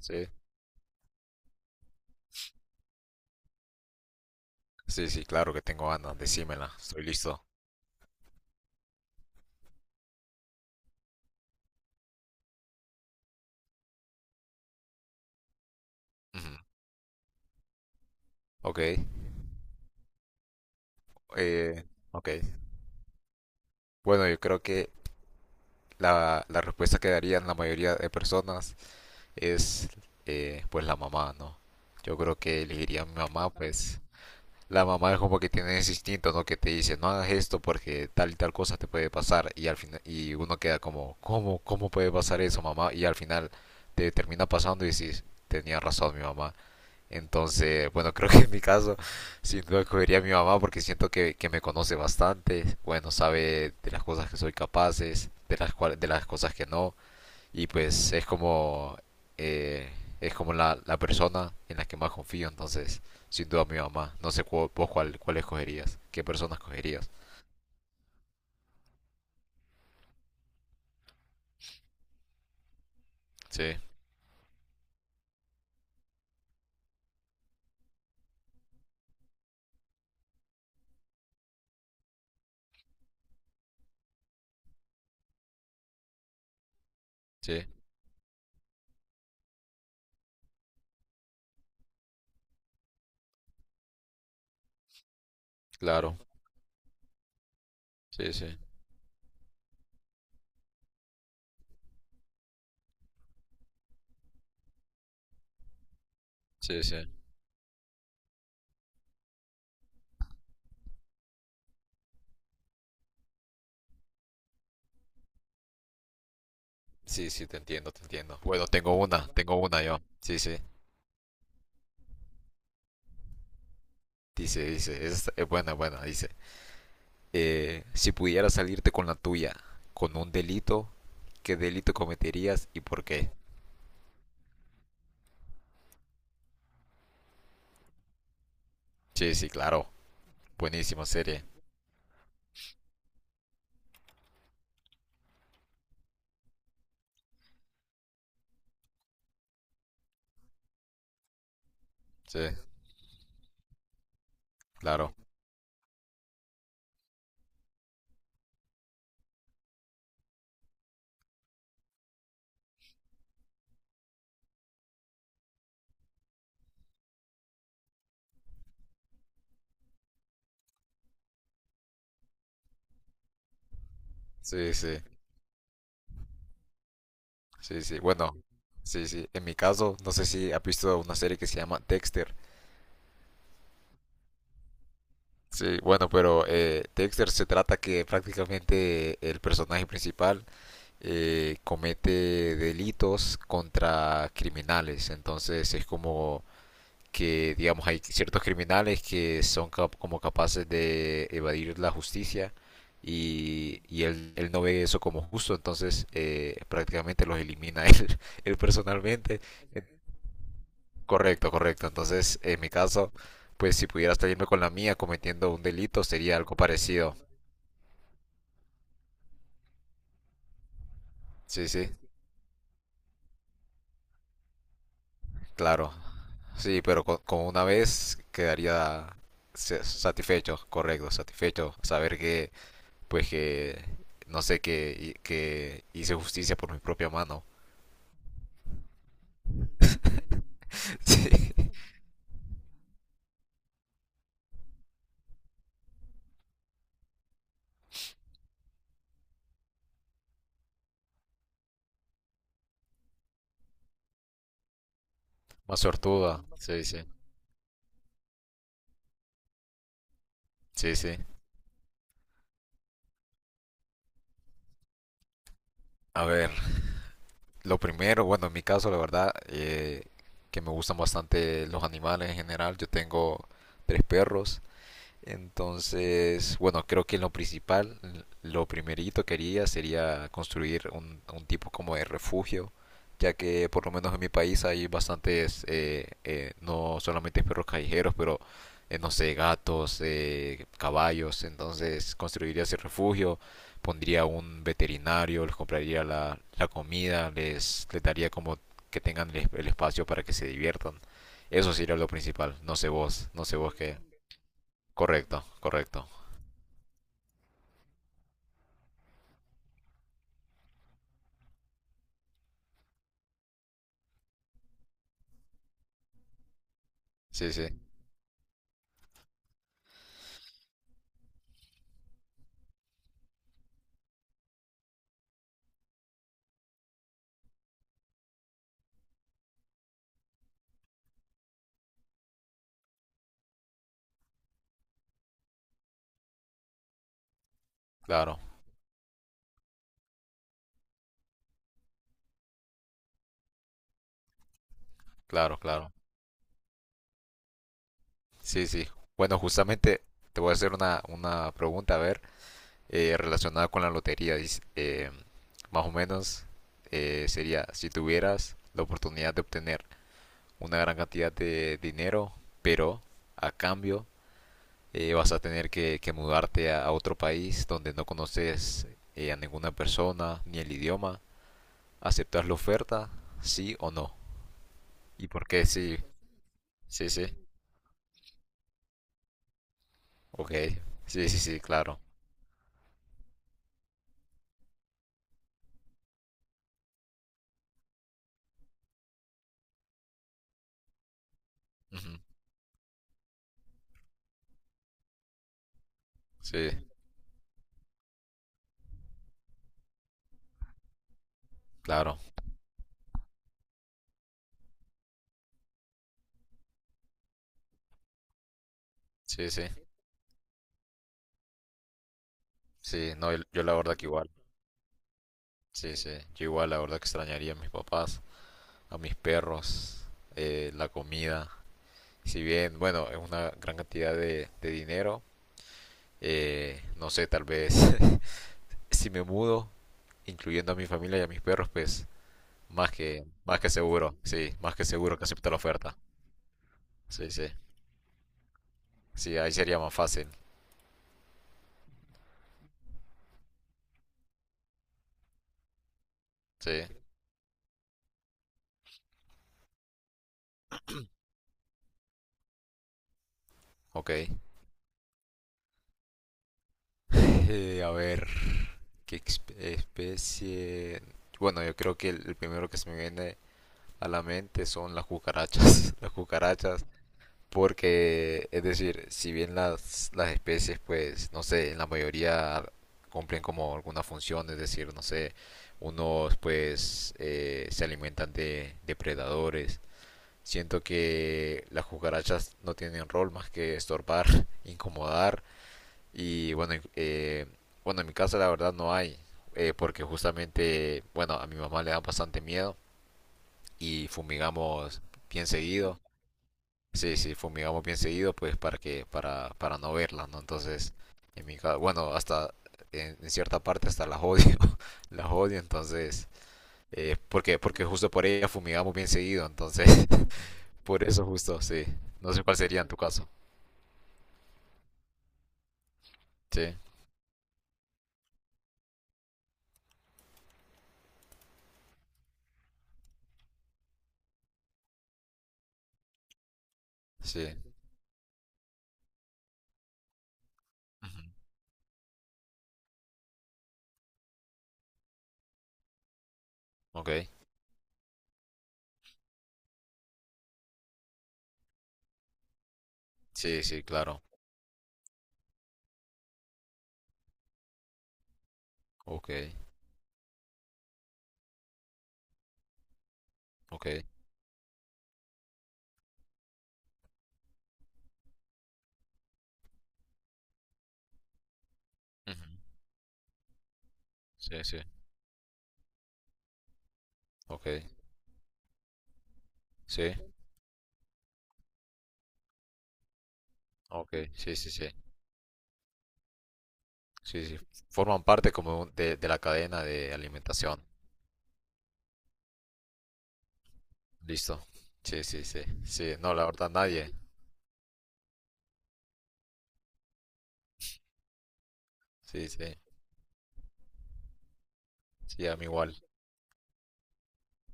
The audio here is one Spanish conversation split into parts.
Sí, sí, sí, claro que tengo ganas, decímela, estoy listo. Ujú. Ok, eh, ok. Bueno, yo creo que la respuesta que darían la mayoría de personas es pues la mamá, ¿no? Yo creo que elegiría a mi mamá, pues la mamá es como que tiene ese instinto, ¿no? Que te dice, no hagas esto porque tal y tal cosa te puede pasar y al final, y uno queda como, ¿cómo, cómo puede pasar eso, mamá? Y al final te termina pasando y dices, tenía razón mi mamá. Entonces, bueno, creo que en mi caso, sin duda escogería a mi mamá porque siento que me conoce bastante, bueno, sabe de las cosas que soy capaces, de las de las cosas que no, y pues eh, es como la persona en la que más confío, entonces, sin duda mi mamá. No sé vos cuál escogerías, qué persona escogerías. Sí, sí, claro. Sí, sí, sí, sí. Sí, sí, te entiendo, te entiendo. Bueno, tengo una yo. Sí, sí. Dice, dice, es buena, buena, dice. Si pudieras salirte con la tuya, con un delito, ¿qué delito cometerías y por qué? Sí, sí, claro. Buenísima serie. Sí, claro. Sí, sí. Sí, sí. Bueno, sí, sí. En mi caso, no sé si has visto una serie que se llama Dexter. Sí, bueno, pero Dexter se trata que prácticamente el personaje principal comete delitos contra criminales. Entonces es como que digamos hay ciertos criminales que son como capaces de evadir la justicia y él no ve eso como justo, entonces prácticamente los elimina él personalmente. Eh, Correcto, correcto. Entonces, en mi caso, pues si pudiera salirme con la mía cometiendo un delito sería algo parecido. Sí, sí, claro. Sí, pero con una vez quedaría satisfecho, correcto, satisfecho, saber que pues que, no sé, que hice justicia por mi propia mano. Sí, más sortuda, sí, sí, sí, sí. A ver, lo primero, bueno, en mi caso, la verdad, que me gustan bastante los animales en general. Yo tengo tres perros. Entonces, bueno, creo que lo principal, lo primerito que haría sería construir un tipo como de refugio, ya que por lo menos en mi país hay bastantes, no solamente perros callejeros, pero no sé, gatos, caballos. Entonces construiría ese refugio, pondría un veterinario, les compraría la comida, les daría como que tengan el espacio para que se diviertan. Eso sería lo principal. No sé vos, no sé vos qué. Correcto, correcto. Sí, sí, claro, claro, claro. Sí, sí. Bueno, justamente te voy a hacer una pregunta, a ver, relacionada con la lotería. Dice, más o menos sería, si tuvieras la oportunidad de obtener una gran cantidad de dinero, pero a cambio vas a tener que mudarte a otro país donde no conoces a ninguna persona ni el idioma, ¿aceptas la oferta? ¿Sí o no? ¿Y por qué sí? Sí, sí. Ok, sí, sí, sí, claro. Ujú. Sí, claro. Sí, sí. Sí, no, yo la verdad que igual. Sí, sí. Yo igual la verdad que extrañaría a mis papás, a mis perros, la comida. Si bien, bueno, es una gran cantidad de dinero, no sé, tal vez si me mudo, incluyendo a mi familia y a mis perros, pues más que seguro, sí, más que seguro que acepto la oferta. Sí, sí. Sí, ahí sería más fácil. Sí, ok. A ver. ¿Qué especie? Bueno, yo creo que el primero que se me viene a la mente son las cucarachas. Las cucarachas, porque, es decir, si bien las especies, pues, no sé, en la mayoría cumplen como alguna función, es decir, no sé, unos pues se alimentan de depredadores. Siento que las cucarachas no tienen rol más que estorbar, incomodar y bueno, bueno, en mi casa la verdad no hay, porque justamente, bueno, a mi mamá le da bastante miedo y fumigamos bien seguido. Sí, sí, fumigamos bien seguido, pues para que, para no verla, ¿no? Entonces, en mi casa, bueno, hasta en cierta parte hasta las odio, las odio, entonces, porque, porque justo por ella fumigamos bien seguido, entonces, por eso justo, sí. No sé cuál sería en tu caso. Sí, sí. Ujú. Ok. Sí, sí, claro. Ok, ok. Ujú, sí, sí, ok, sí, ok, sí, sí, sí, sí, sí, forman parte como de la cadena de alimentación, listo, sí, sí, sí, sí, no, la verdad nadie, sí, sí, sí, a mí igual,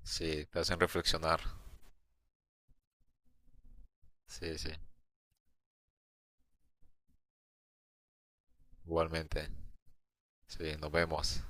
sí, te hacen reflexionar, sí, sí, igualmente, sí, nos vemos.